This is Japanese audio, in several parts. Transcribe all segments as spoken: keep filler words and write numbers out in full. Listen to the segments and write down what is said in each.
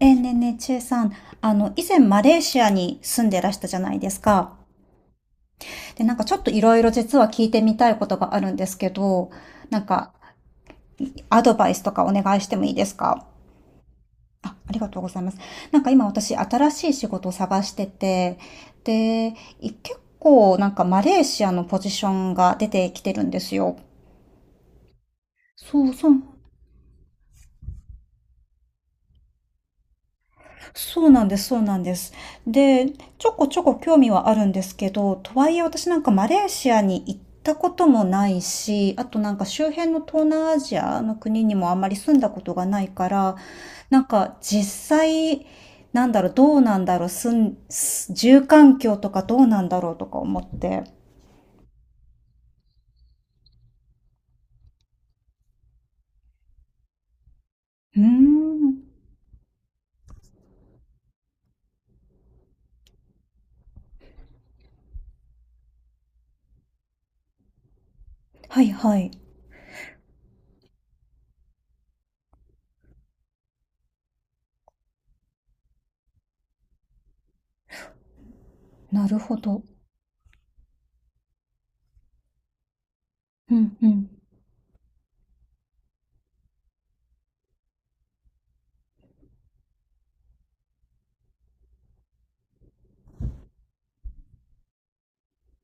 えーねえねえ、ちえさん、あの、以前マレーシアに住んでらしたじゃないですか。で、なんかちょっといろいろ実は聞いてみたいことがあるんですけど、なんかアドバイスとかお願いしてもいいですかあ、ありがとうございます。なんか今私新しい仕事を探してて、で、い結構なんかマレーシアのポジションが出てきてるんですよ。そうそう。そうなんです、そうなんです。で、ちょこちょこ興味はあるんですけど、とはいえ私なんかマレーシアに行ったこともないし、あとなんか周辺の東南アジアの国にもあんまり住んだことがないから、なんか実際、なんだろう、どうなんだろう、住ん、す住環境とかどうなんだろうとか思って。うーん。はいはい。なるほど。うんうん。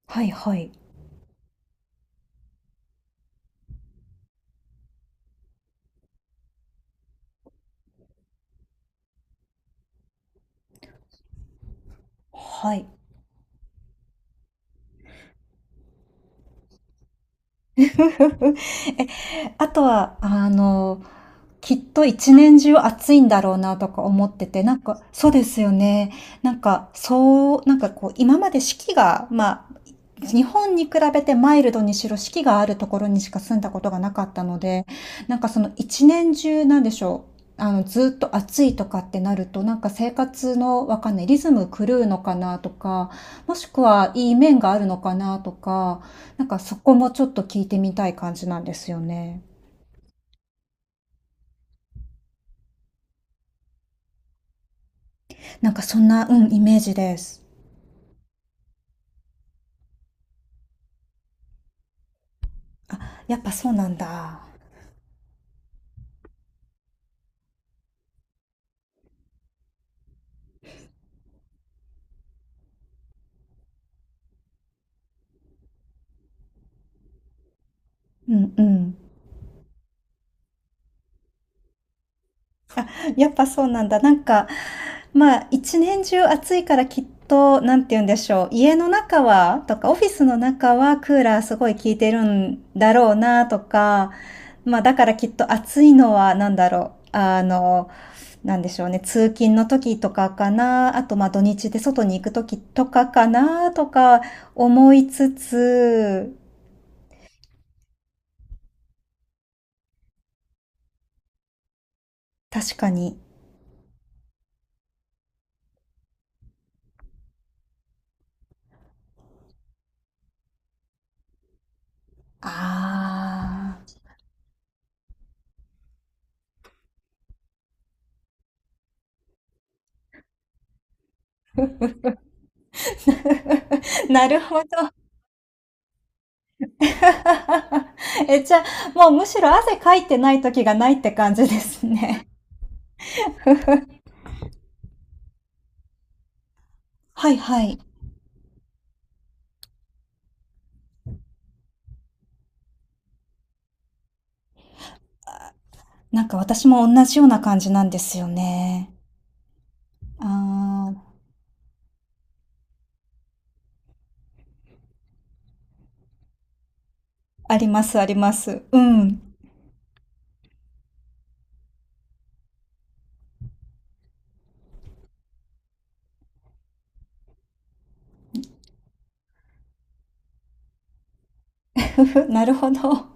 はいはい。はい。え、あとは、あの、きっと一年中暑いんだろうなとか思ってて、なんか、そうですよね。なんか、そう、なんかこう、今まで四季が、まあ、日本に比べてマイルドにしろ四季があるところにしか住んだことがなかったので、なんかその一年中なんでしょう。あの、ずっと暑いとかってなると、なんか生活のわかんないリズム狂うのかなとか、もしくはいい面があるのかなとか、なんかそこもちょっと聞いてみたい感じなんですよね。なんかそんな、うん、イメージです。あ、やっぱそうなんだ。うんうん。やっぱそうなんだ。なんか、まあ、一年中暑いからきっと、なんて言うんでしょう。家の中は、とか、オフィスの中はクーラーすごい効いてるんだろうな、とか、まあ、だからきっと暑いのは、なんだろう。あの、なんでしょうね。通勤の時とかかな。あと、まあ、土日で外に行く時とかかな、とか思いつつ、確かに。ああ。なるほど。え、じゃあ、もうむしろ汗かいてない時がないって感じですね。はいはい。なんか私も同じような感じなんですよね。ああ、ありますあります。うん。なるほど。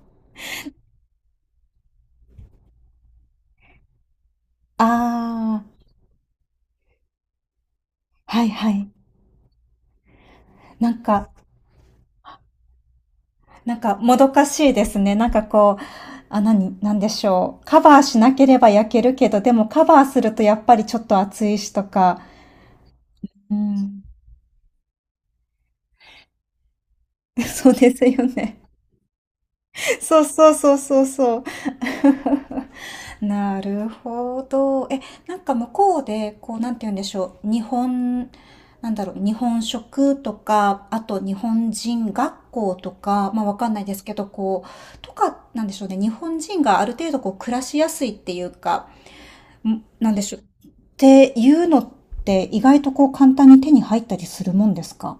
ああ、はいはい。なんか、なんかもどかしいですね。なんかこう、あ、何なんでしょう。カバーしなければ焼けるけど、でもカバーするとやっぱりちょっと暑いしとか。うん。そうですよね。そうそうそうそうそう。なるほど。え、なんか向こうで、こう、なんて言うんでしょう。日本、なんだろう、日本食とか、あと日本人学校とか、まあわかんないですけど、こう、とか、なんでしょうね。日本人がある程度こう、暮らしやすいっていうか、んなんでしょう。っていうのって、意外とこう、簡単に手に入ったりするもんですか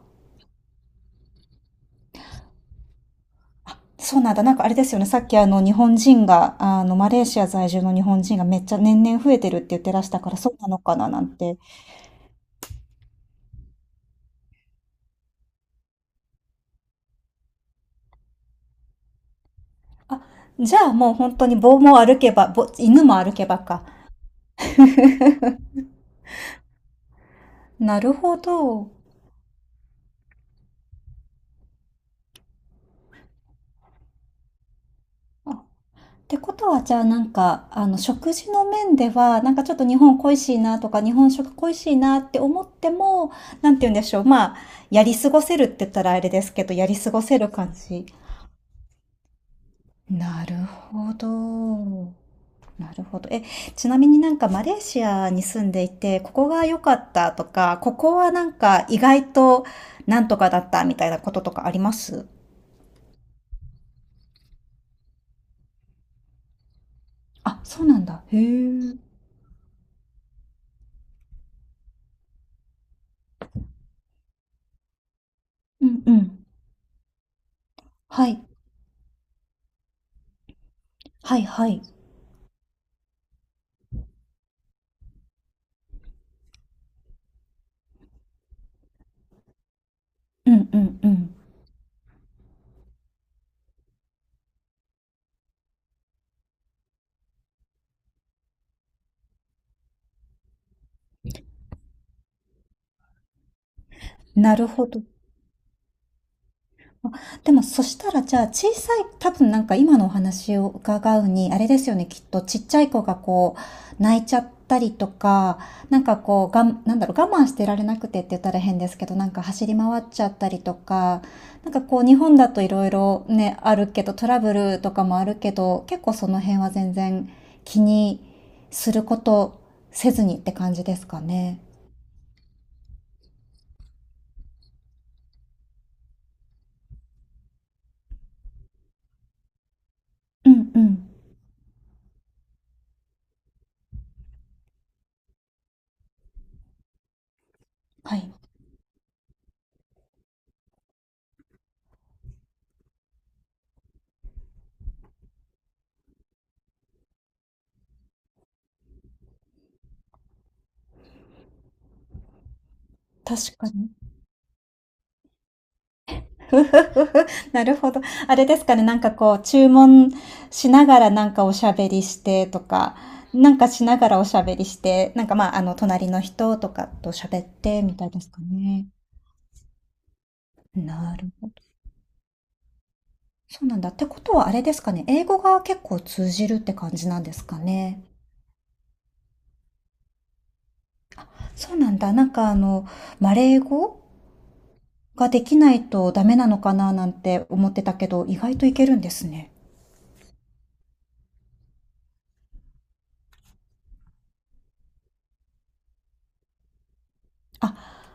そうなんだ。なんかあれですよね。さっきあの日本人が、あのマレーシア在住の日本人がめっちゃ年々増えてるって言ってらしたからそうなのかななんて。あ、じゃあもう本当に棒も歩けば、ぼ犬も歩けばか。なるほど。あってことはじゃあなんか、あの食事の面では、なんかちょっと日本恋しいなとか日本食恋しいなって思っても、なんて言うんでしょう。まあ、やり過ごせるって言ったらあれですけど、やり過ごせる感じ。なるほど。なるほど。え、ちなみになんかマレーシアに住んでいて、ここが良かったとか、ここはなんか意外となんとかだったみたいなこととかありますあ、そうなんだ。へえ。うんうん。はい。はいはい。うんうんうん。なるほど。でも、そしたら、じゃあ、小さい、多分なんか今のお話を伺うに、あれですよね、きっと、ちっちゃい子がこう、泣いちゃったりとか、なんかこう、がん、なんだろう、我慢してられなくてって言ったら変ですけど、なんか走り回っちゃったりとか、なんかこう、日本だといろいろね、あるけど、トラブルとかもあるけど、結構その辺は全然気にすることせずにって感じですかね。うんうん。はい。確かに。なるほど。あれですかね、なんかこう、注文しながらなんかおしゃべりしてとか、なんかしながらおしゃべりして、なんかまあ、あの、隣の人とかと喋ってみたいですかね。なるほど。そうなんだ。ってことはあれですかね、英語が結構通じるって感じなんですかね。そうなんだ。なんかあの、マレー語ができないとダメなのかななんて思ってたけど、意外といけるんですね。あ、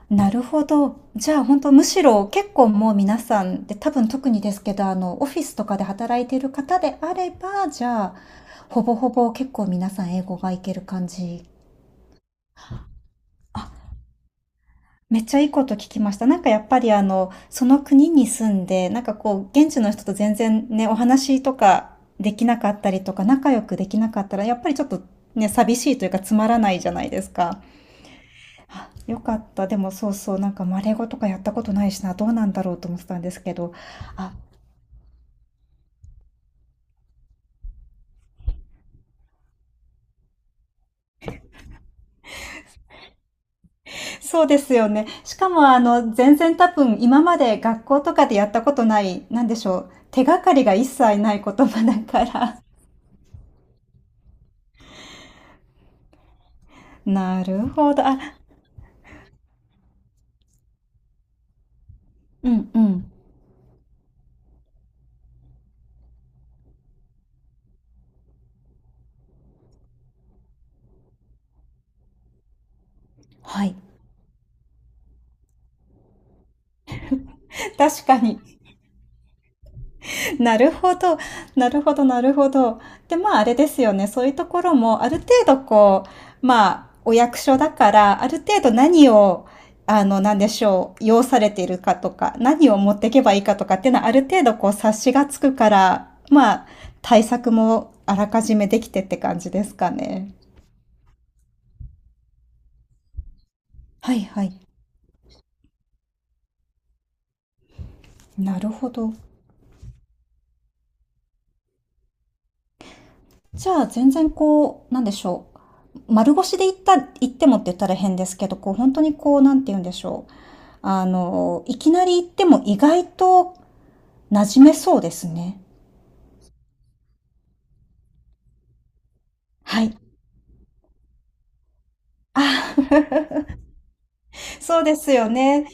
なるほど。じゃあ、本当むしろ結構もう皆さんで、多分特にですけど、あの、オフィスとかで働いている方であれば、じゃあ、ほぼほぼ結構皆さん英語がいける感じ。あ、めっちゃいいこと聞きました。なんかやっぱりあの、その国に住んで、なんかこう、現地の人と全然ね、お話とかできなかったりとか、仲良くできなかったら、やっぱりちょっとね、寂しいというかつまらないじゃないですか。あ、よかった。でもそうそう、なんかマレゴ語とかやったことないしな、どうなんだろうと思ってたんですけど、あ、そうですよね。しかもあの、全然多分今まで学校とかでやったことない、なんでしょう、手がかりが一切ない言葉だから。なるほど。あ、うんうん。はい。確かに。なるほど。なるほど、なるほど。で、まあ、あれですよね。そういうところも、ある程度こう、まあ、お役所だから、ある程度何を、あの、なんでしょう、要されているかとか、何を持っていけばいいかとかっていうのは、ある程度こう、察しがつくから、まあ、対策もあらかじめできてって感じですかね。はいはい。なるほど。じゃあ、全然こう、なんでしょう。丸腰で行った、行ってもって言ったら変ですけど、こう、本当にこう、なんて言うんでしょう。あの、いきなり行っても意外と馴染めそうですね。はい。あ、そうですよね。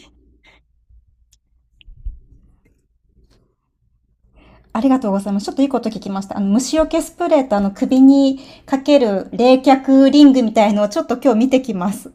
ありがとうございます。ちょっといいこと聞きました。あの、虫除けスプレーとあの、首にかける冷却リングみたいのをちょっと今日見てきます。